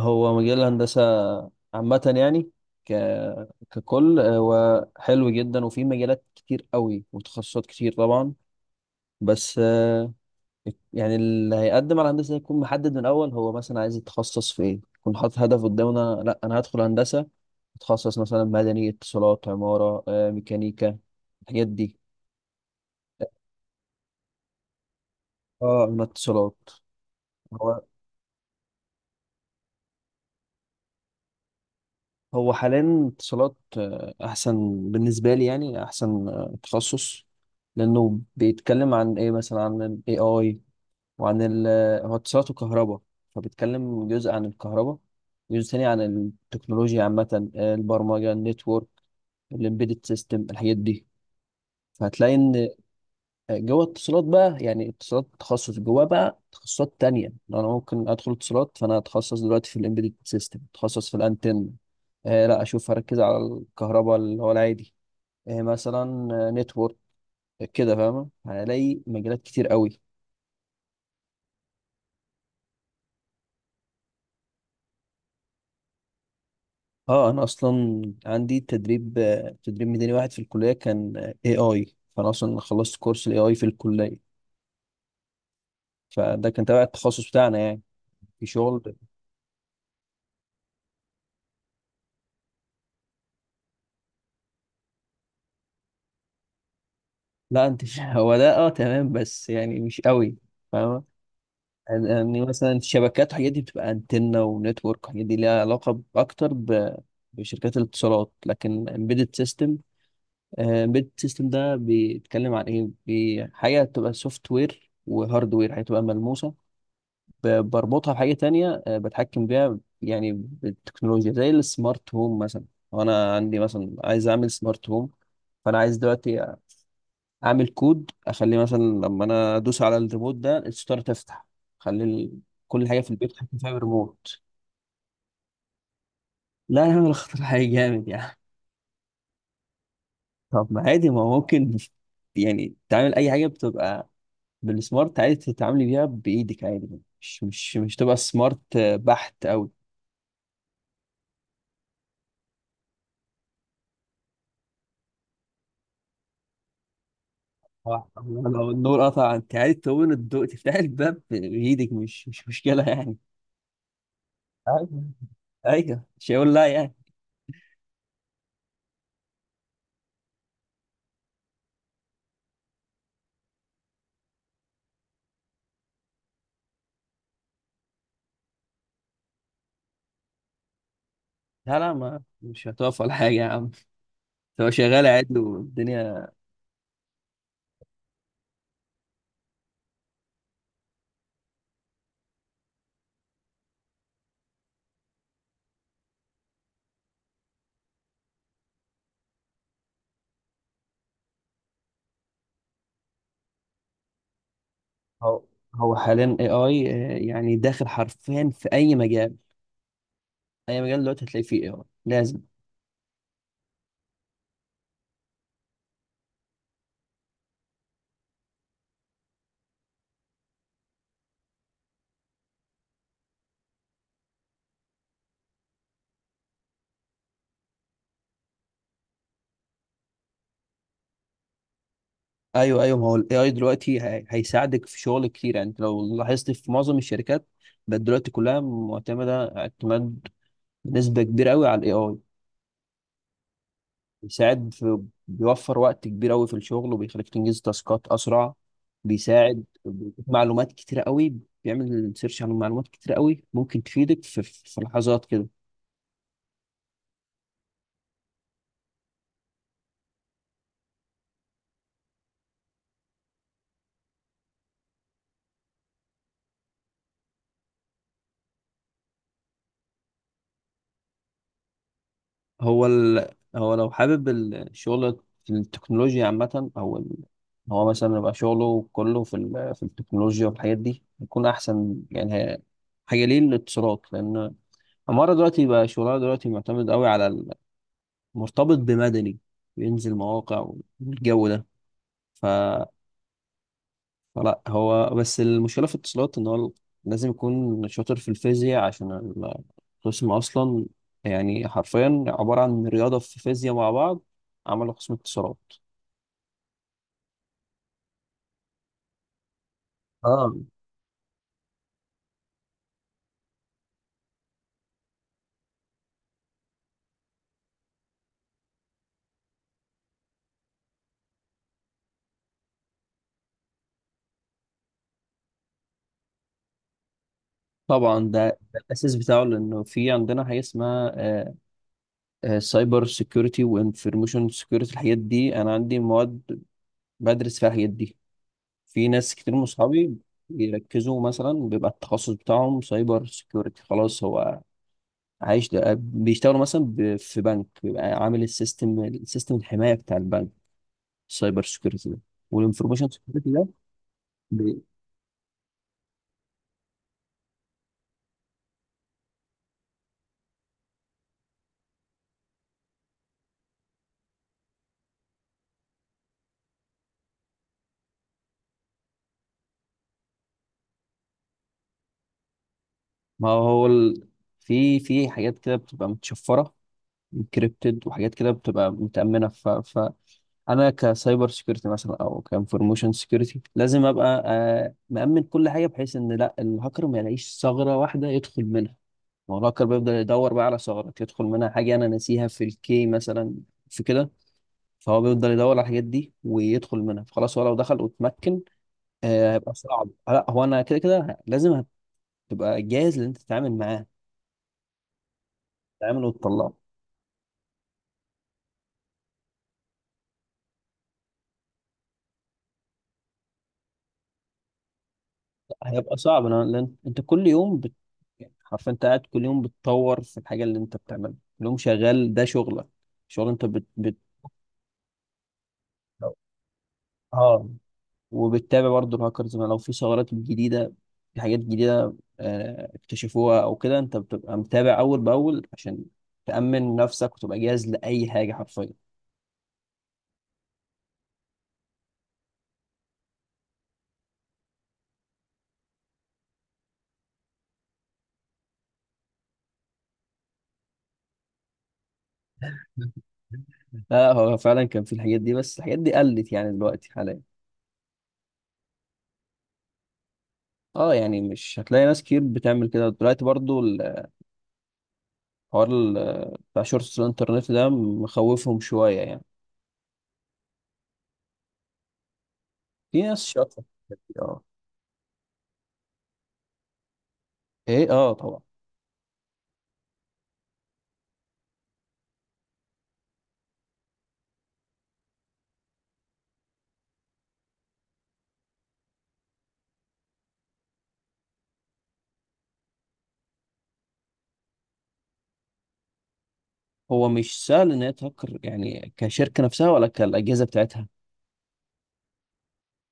هو مجال الهندسة عامة يعني ك... ككل، هو حلو جدا وفي مجالات كتير قوي وتخصصات كتير طبعا. بس يعني اللي هيقدم على هندسة يكون محدد من الأول، هو مثلا عايز يتخصص في إيه، يكون حاطط هدف قدامنا. لا، أنا هدخل هندسة أتخصص مثلا مدني، اتصالات، عمارة، ميكانيكا، الحاجات دي. اه، من اتصالات. هو حاليا اتصالات احسن بالنسبه لي، يعني احسن تخصص، لانه بيتكلم عن ايه، مثلا عن الاي اي، وعن ال هو اتصالات وكهرباء، فبيتكلم جزء عن الكهرباء، وجزء تاني عن التكنولوجيا عامه، البرمجه، النتورك، الامبيدد سيستم، الحاجات دي. فهتلاقي ان جوه اتصالات بقى، يعني اتصالات تخصص جواه بقى تخصصات تانية. لو انا ممكن ادخل اتصالات، فانا اتخصص دلوقتي في الامبيدد سيستم، اتخصص في الانتن. آه لا، اشوف هركز على الكهرباء اللي هو العادي، آه مثلا نتورك، كده. فاهمة، هلاقي مجالات كتير قوي. اه، انا اصلا عندي تدريب تدريب ميداني واحد في الكلية كان اي اي. فانا اصلا خلصت كورس الاي اي في الكلية، فده كان تبع التخصص بتاعنا يعني. في شغل. لا، انت هو ده اه، تمام بس يعني مش قوي فاهم. يعني مثلا الشبكات والحاجات دي بتبقى انتنة ونتورك، والحاجات دي ليها علاقة أكتر بشركات الاتصالات. لكن embedded system، embedded system ده بيتكلم عن إيه؟ حاجة بتبقى سوفت وير وهاردوير، هتبقى ملموسة، بربطها بحاجة تانية، بتحكم بيها يعني بالتكنولوجيا زي السمارت هوم مثلا. وأنا عندي مثلا عايز أعمل سمارت هوم. فأنا عايز دلوقتي اعمل كود، اخليه مثلا لما انا ادوس على الريموت ده الستار تفتح. اخلي ال- كل حاجه في البيت تحكم فيها بالريموت. لا يا عم الخطر حاجه جامد يعني. طب ما عادي، ما هو ممكن يعني تعمل اي حاجه بتبقى بالسمارت عادي، تتعاملي بيها بايدك عادي، مش تبقى سمارت بحت قوي. آه، لو النور قطع انت عادي تقوم الضوء تفتح الباب بايدك، مش مشكله يعني. ايوه، ايوه، مش هيقول لا يعني. لا، لا، ما مش هتقف ولا حاجه يا عم، هو شغال عادي والدنيا. هو هو حاليا اي اي، يعني داخل حرفيا في اي مجال. اي مجال دلوقتي هتلاقي فيه اي اي لازم. ايوه، ايوه، ما هو الاي اي دلوقتي هيساعدك في شغل كتير. يعني انت لو لاحظت، في معظم الشركات بقت دلوقتي كلها معتمده اعتماد بنسبه كبيره قوي على الاي اي. بيساعد في، بيوفر وقت كبير قوي في الشغل، وبيخليك تنجز تاسكات اسرع، بيساعد بيديك معلومات كتيره قوي، بيعمل سيرش على معلومات كتيره قوي ممكن تفيدك في في لحظات كده. هو ال... هو لو حابب الشغل في التكنولوجيا عامة، أو هو مثلا يبقى شغله كله في في التكنولوجيا والحاجات دي، يكون أحسن. يعني حاجة ليه الاتصالات، لأن عمارة دلوقتي بقى شغلها دلوقتي معتمد قوي على مرتبط بمدني، بينزل مواقع والجو ده. ف لا، هو بس المشكلة في الاتصالات إن هو لازم يكون شاطر في الفيزياء، عشان القسم أصلا يعني حرفيا عبارة عن رياضة في فيزياء مع بعض، عملوا قسم اتصالات. اه طبعا، ده ده الأساس بتاعه، لأنه في عندنا حاجة اسمها سايبر سيكيورتي وانفورميشن سيكيورتي. الحاجات دي أنا عندي مواد بدرس فيها الحاجات دي. في ناس كتير من صحابي بيركزوا مثلا، بيبقى التخصص بتاعهم سايبر سيكيورتي. خلاص، هو عايش ده، بيشتغلوا مثلا في بنك، بيبقى عامل السيستم الحماية بتاع البنك، السايبر سيكيورتي ده والانفورميشن سيكيورتي ده. بي- ما هو في في حاجات كده بتبقى متشفرة انكريبتد، وحاجات كده بتبقى متأمنة. فأنا كسايبر سيكيورتي مثلا، أو كانفورميشن سيكيورتي، لازم أبقى مأمن كل حاجة، بحيث إن لا الهاكر ما يلاقيش ثغرة واحدة يدخل منها. ما هو الهاكر بيفضل يدور بقى على ثغرات يدخل منها، حاجة أنا ناسيها في الكي مثلا، في كده. فهو بيفضل يدور على الحاجات دي ويدخل منها. فخلاص، هو لو دخل واتمكن هيبقى صعب. لا، هو انا كده كده لازم هتبقى جاهز ان انت تتعامل معاه، تتعامل وتطلعه. لا، هيبقى صعب أنا، لأن انت كل يوم يعني حرفيا انت قاعد كل يوم بتطور في الحاجه اللي انت بتعملها، كل يوم شغال ده شغلك، شغل انت اه. وبتتابع برضه الهاكرز، ما لو في ثغرات جديده، في حاجات جديده اكتشفوها او كده، انت بتبقى متابع اول باول، عشان تأمن نفسك وتبقى جاهز لأي حاجة حرفيا. لا، هو فعلا كان في الحاجات دي، بس الحاجات دي قلت يعني دلوقتي حاليا. اه، يعني مش هتلاقي ناس كتير بتعمل كده دلوقتي. برضو الحوار بتاع شورتس الانترنت ده مخوفهم شوية يعني. في ناس شاطرة في الحاجات دي، اه. ايه، اه طبعا. هو مش سهل ان هي تهكر، يعني كشركة نفسها ولا كالأجهزة بتاعتها.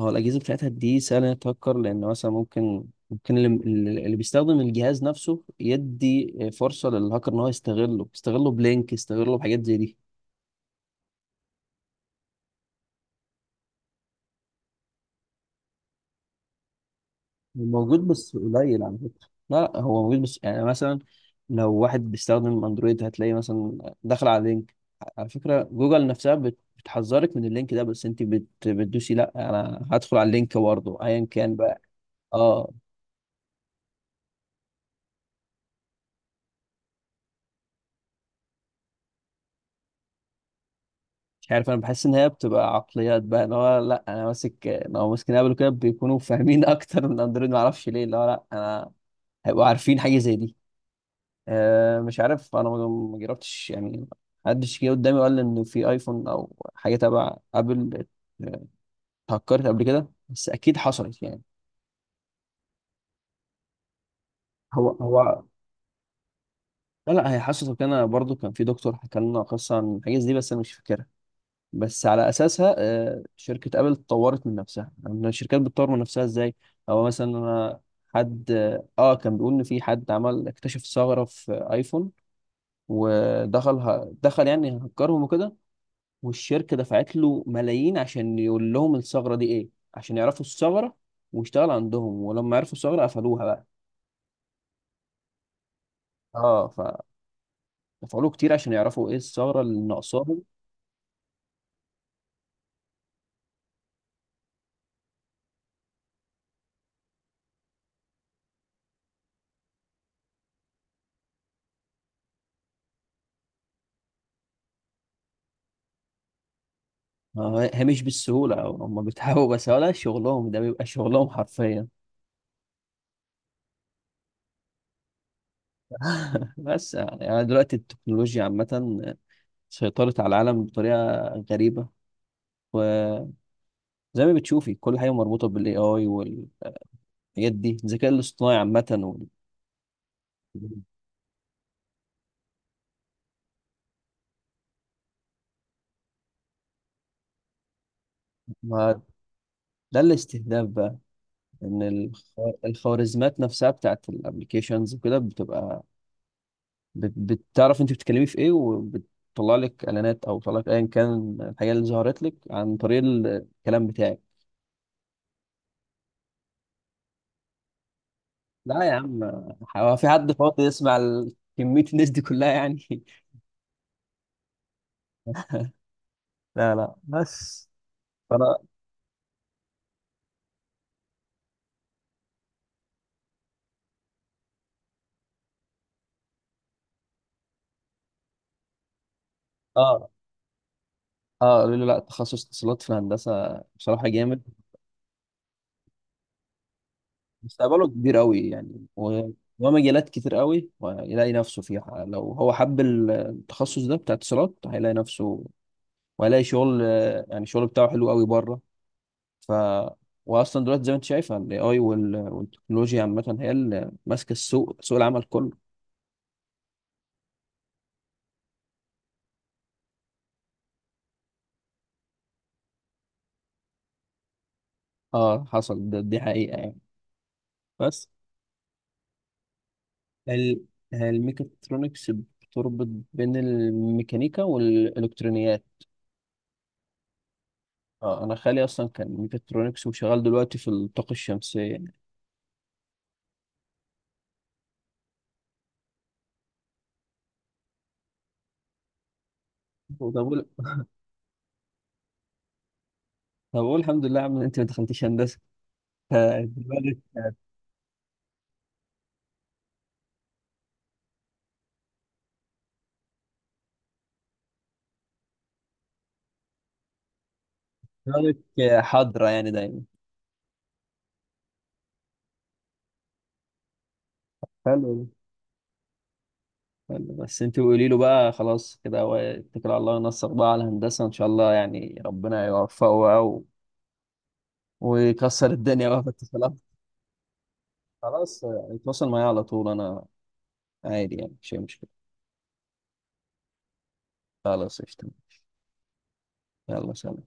هو الأجهزة بتاعتها دي سهل ان هي تهكر، لأن مثلا ممكن اللي بيستخدم الجهاز نفسه يدي فرصة للهاكر ان هو يستغله، يستغله بلينك، يستغله بحاجات زي دي. هو موجود بس قليل على فكرة. لا، لا، هو موجود بس يعني مثلا لو واحد بيستخدم اندرويد هتلاقي مثلا داخل على لينك، على فكرة جوجل نفسها بتحذرك من اللينك ده، بس انت بتدوسي لا انا هدخل على اللينك برضه ايا كان بقى. اه، مش عارف، انا بحس ان هي بتبقى عقليات بقى، ان هو لا انا ماسك، لو ماسكين ابل كده بيكونوا فاهمين اكتر من اندرويد. ما اعرفش ليه، اللي هو لا انا هيبقوا عارفين حاجة زي دي. مش عارف انا، ما جربتش يعني. محدش جه قدامي وقال لي ان في ايفون او حاجه تبع ابل آه، اتهكرت قبل كده، بس اكيد حصلت يعني. هو لا، لا، هي حصلت. وكان أنا برضو كان في دكتور حكى لنا قصه عن الحاجات دي، بس انا مش فاكرها. بس على اساسها شركه ابل اتطورت من نفسها، يعني الشركات بتطور من نفسها ازاي. او مثلا انا، حد، اه كان بيقول ان في حد عمل اكتشف ثغره في ايفون، ودخل دخل يعني هكرهم وكده، والشركة دفعت له ملايين عشان يقول لهم الثغرة دي ايه، عشان يعرفوا الثغرة، واشتغل عندهم. ولما عرفوا الثغرة قفلوها بقى. اه، فدفعوا له كتير عشان يعرفوا ايه الثغرة اللي ناقصاهم. آه، هي مش بالسهولة، هم بيتعبوا بس، ولا شغلهم، ده بيبقى شغلهم حرفيا. بس يعني، دلوقتي التكنولوجيا عامة سيطرت على العالم بطريقة غريبة. وزي ما بتشوفي كل حاجة مربوطة بالاي اي والحاجات دي، الذكاء الاصطناعي عامة ما ده الاستهداف بقى، ان الخوارزمات نفسها بتاعت الابلكيشنز وكده بتبقى بت- بتعرف انت بتتكلمي في ايه، وبتطلع لك اعلانات، او بتطلع لك ايا كان الحاجه اللي ظهرت لك عن طريق الكلام بتاعك. لا يا عم، هو في حد فاضي يسمع كميه الناس دي كلها يعني؟ لا، لا، بس. فانا اه. اه، قالوا لي لا، تخصص اتصالات في الهندسه بصراحه جامد. مستقبله كبير قوي يعني، ومجالات كتير قوي ويلاقي نفسه فيها. لو هو حب التخصص ده بتاع اتصالات هيلاقي نفسه، وهيلاقي شغل يعني الشغل بتاعه حلو قوي بره. ف واصلا دلوقتي زي ما انت شايفه الاي اي والتكنولوجيا عامه هي اللي ماسكه السوق، سوق العمل كله. اه حصل، ده دي حقيقه يعني. بس ال- الميكاترونكس بتربط بين الميكانيكا والالكترونيات. اه، انا خالي اصلا كان ميكاترونكس، وشغال دلوقتي في الطاقه الشمسيه. طب اقول طب اقول الحمد لله يا عم إن انت ما دخلتيش هندسه، فدماغك دماغك حاضره يعني دايما. حلو، حلو، بس انت قولي له بقى خلاص كده، هو اتكل على الله، ينصر بقى على الهندسه ان شاء الله، يعني ربنا يوفقه بقى ويكسر الدنيا بقى في اتصالات. خلاص، اتواصل معايا على طول، انا عادي يعني مش مشكله. خلاص قشطه. يلا سلام.